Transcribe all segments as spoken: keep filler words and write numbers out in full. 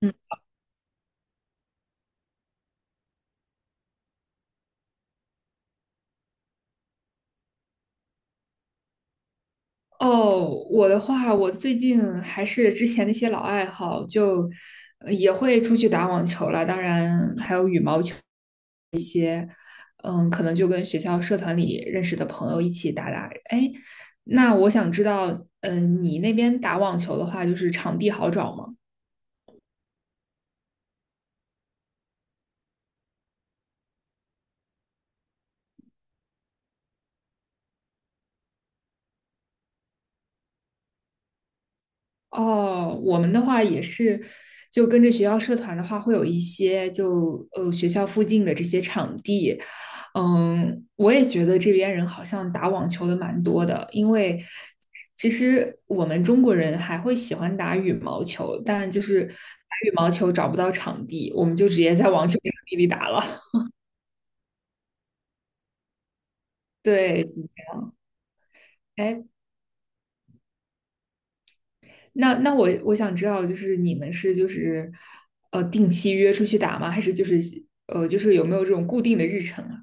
嗯哦，我的话，我最近还是之前那些老爱好，就呃也会出去打网球了，当然还有羽毛球。嗯，可能就跟学校社团里认识的朋友一起打打。哎，那我想知道，嗯，你那边打网球的话，就是场地好找吗？哦，我们的话也是，就跟着学校社团的话，会有一些就呃学校附近的这些场地，嗯，我也觉得这边人好像打网球的蛮多的，因为其实我们中国人还会喜欢打羽毛球，但就是打羽毛球找不到场地，我们就直接在网球场地里打了。对，哎，那那我我想知道，就是你们是就是呃定期约出去打吗？还是就是呃就是有没有这种固定的日程啊？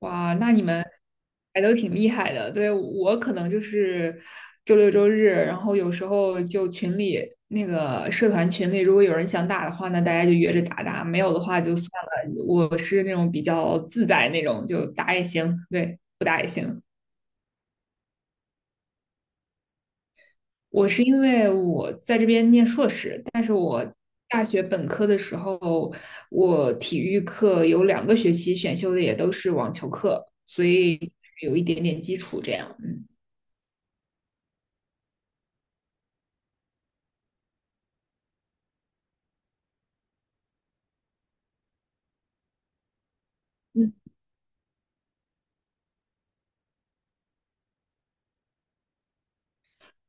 哇，那你们还都挺厉害的。对，我可能就是周六周日，然后有时候就群里那个社团群里，如果有人想打的话那大家就约着打打；没有的话就算了。我是那种比较自在那种，就打也行，对，不打也行。我是因为我在这边念硕士，但是我大学本科的时候，我体育课有两个学期选修的也都是网球课，所以有一点点基础这样。嗯嗯。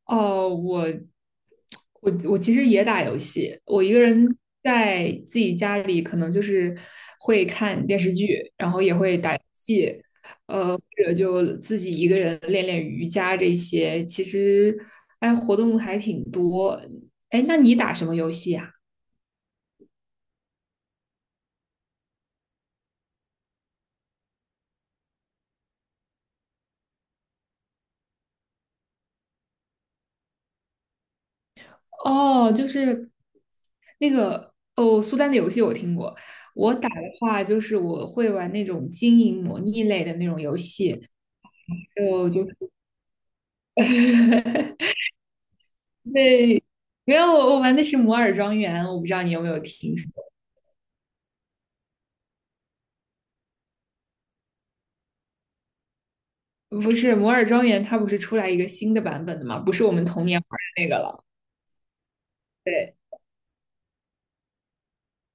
哦，我我我其实也打游戏，我一个人在自己家里，可能就是会看电视剧，然后也会打游戏，呃，或者就自己一个人练练瑜伽这些。其实，哎，活动还挺多。哎，那你打什么游戏啊？哦，就是那个哦，苏丹的游戏我听过。我打的话，就是我会玩那种经营模拟类的那种游戏，还有就是 对，没有，我我玩的是摩尔庄园，我不知道你有没有听说。不是摩尔庄园，它不是出来一个新的版本的吗？不是我们童年玩的那个了。对，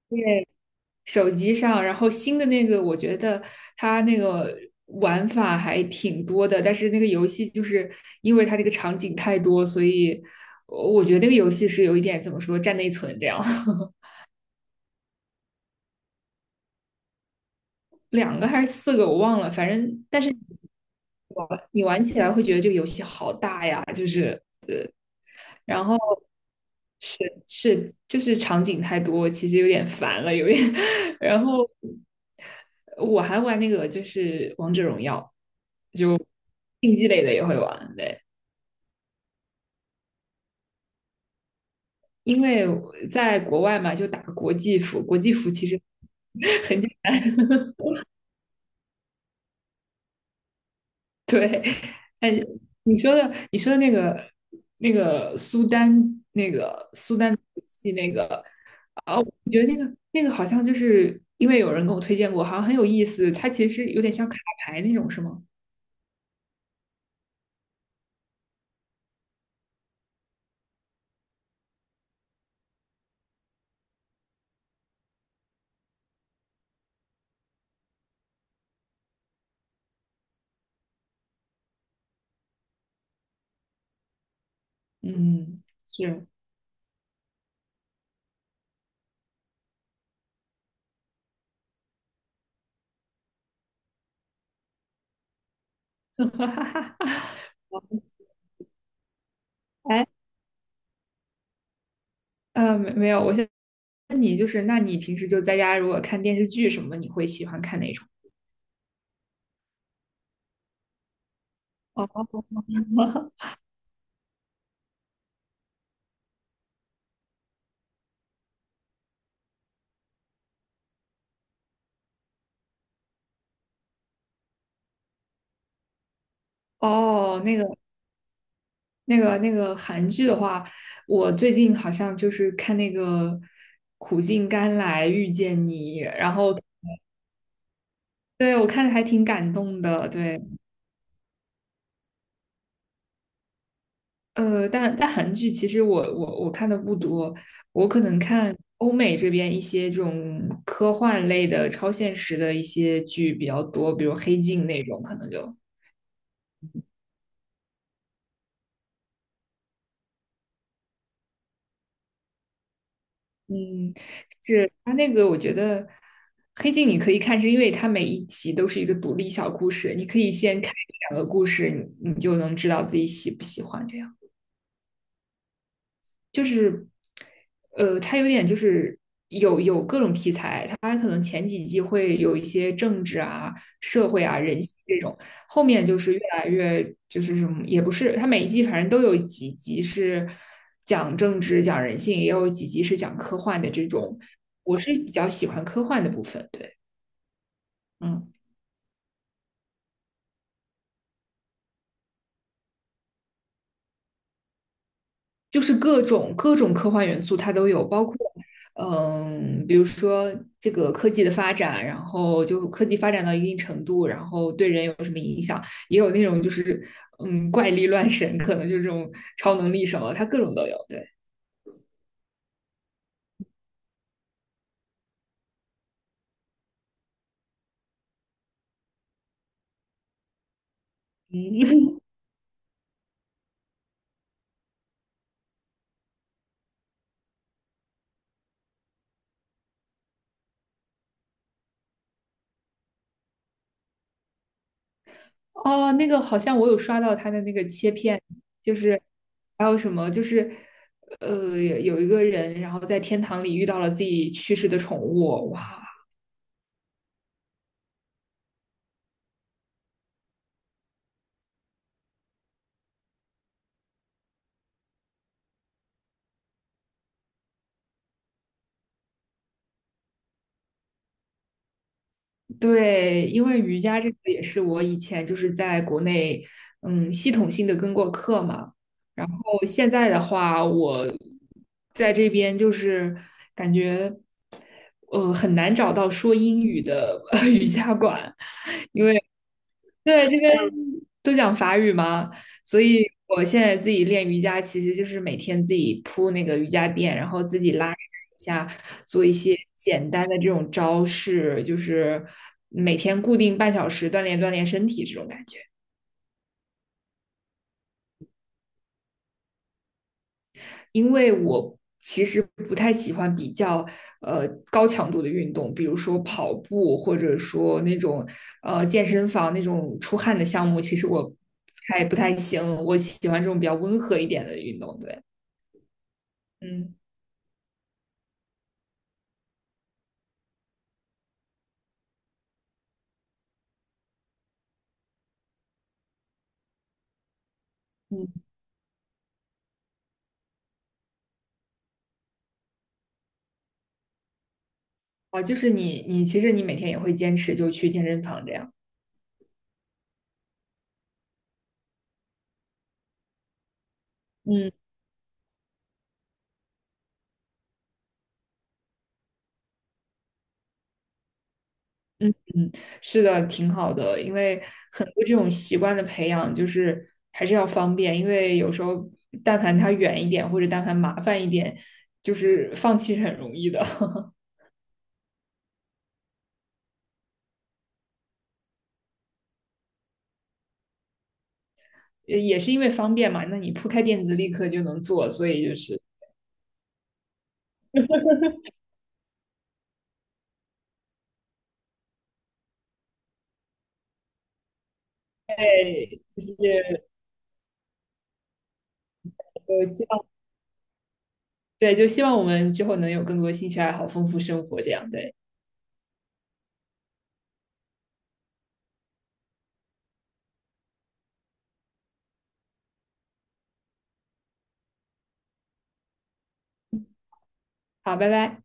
因为手机上，然后新的那个，我觉得它那个玩法还挺多的，但是那个游戏就是因为它这个场景太多，所以我我觉得那个游戏是有一点怎么说占内存这样，两个还是四个我忘了，反正但是你玩起来会觉得这个游戏好大呀，就是。然后是是就是场景太多，其实有点烦了，有点。然后我还玩那个就是王者荣耀，竞技类的也会玩，对，因为我在国外嘛，就打国际服，国际服其实 很简对。哎，你说的你说的那个那个苏丹那个苏丹游戏，那个。我觉得那个那个好像就是因为有人跟我推荐过，好像很有意思。它其实有点像卡牌那种，是吗？嗯，是，哎，呃，没没有，我想问你，就是那你平时就在家，如果看电视剧什么，你会喜欢看哪种？哦哦，那个那个那个韩剧的话，我最近好像就是看那个《苦尽甘来遇见你》，然后，对，我看的还挺感动的，对。呃，但但韩剧其实我我我看的不多，我可能看欧美这边一些这种科幻类的、超现实的一些剧比较多，比如《黑镜》那种，可能就嗯，是它那个我觉得《黑镜》你可以看，是因为它每一集都是一个独立小故事，你可以先看一两个故事，你你就能知道自己喜不喜欢这样。就是，呃，它有点就是有有各种题材，它可能前几季会有一些政治啊、社会啊、人性这种，后面就是越来越就是什么也不是，它每一季反正都有几集是讲政治、讲人性，也有几集是讲科幻的这种。我是比较喜欢科幻的部分，对，嗯。就是各种各种科幻元素它都有，包括嗯，比如说这个科技的发展，然后就科技发展到一定程度，然后对人有什么影响，也有那种就是嗯怪力乱神，可能就是这种超能力什么，它各种都有。对，嗯，哦，那个好像我有刷到它的那个切片，就是还有什么就是。呃，有一个人，然后在天堂里遇到了自己去世的宠物，哇，对。因为瑜伽这个也是我以前就是在国内，嗯，系统性的跟过课嘛。然后现在的话，我在这边就是感觉，呃，很难找到说英语的 呃瑜伽馆，因为。对，这边都讲法语嘛，所以我现在自己练瑜伽，其实就是每天自己铺那个瑜伽垫，然后自己拉伸一下，做一些简单的这种招式，就是每天固定半小时锻炼锻炼身体这种感觉。因为我其实不太喜欢比较呃高强度的运动，比如说跑步或者说那种呃健身房那种出汗的项目，其实我还不太行。我喜欢这种比较温和一点的运动。对，嗯嗯，哦，就是你你其实你每天也会坚持就去健身房这样。嗯。嗯嗯，是的，挺好的，因为很多这种习惯的培养，就是还是要方便，因为有时候但凡它远一点，或者但凡麻烦一点，就是放弃是很容易的，也也是因为方便嘛。那你铺开垫子立刻就能做，所以就是，对，就是呃，希望，对，就希望我们之后能有更多兴趣爱好，丰富生活这样。对，好，拜拜。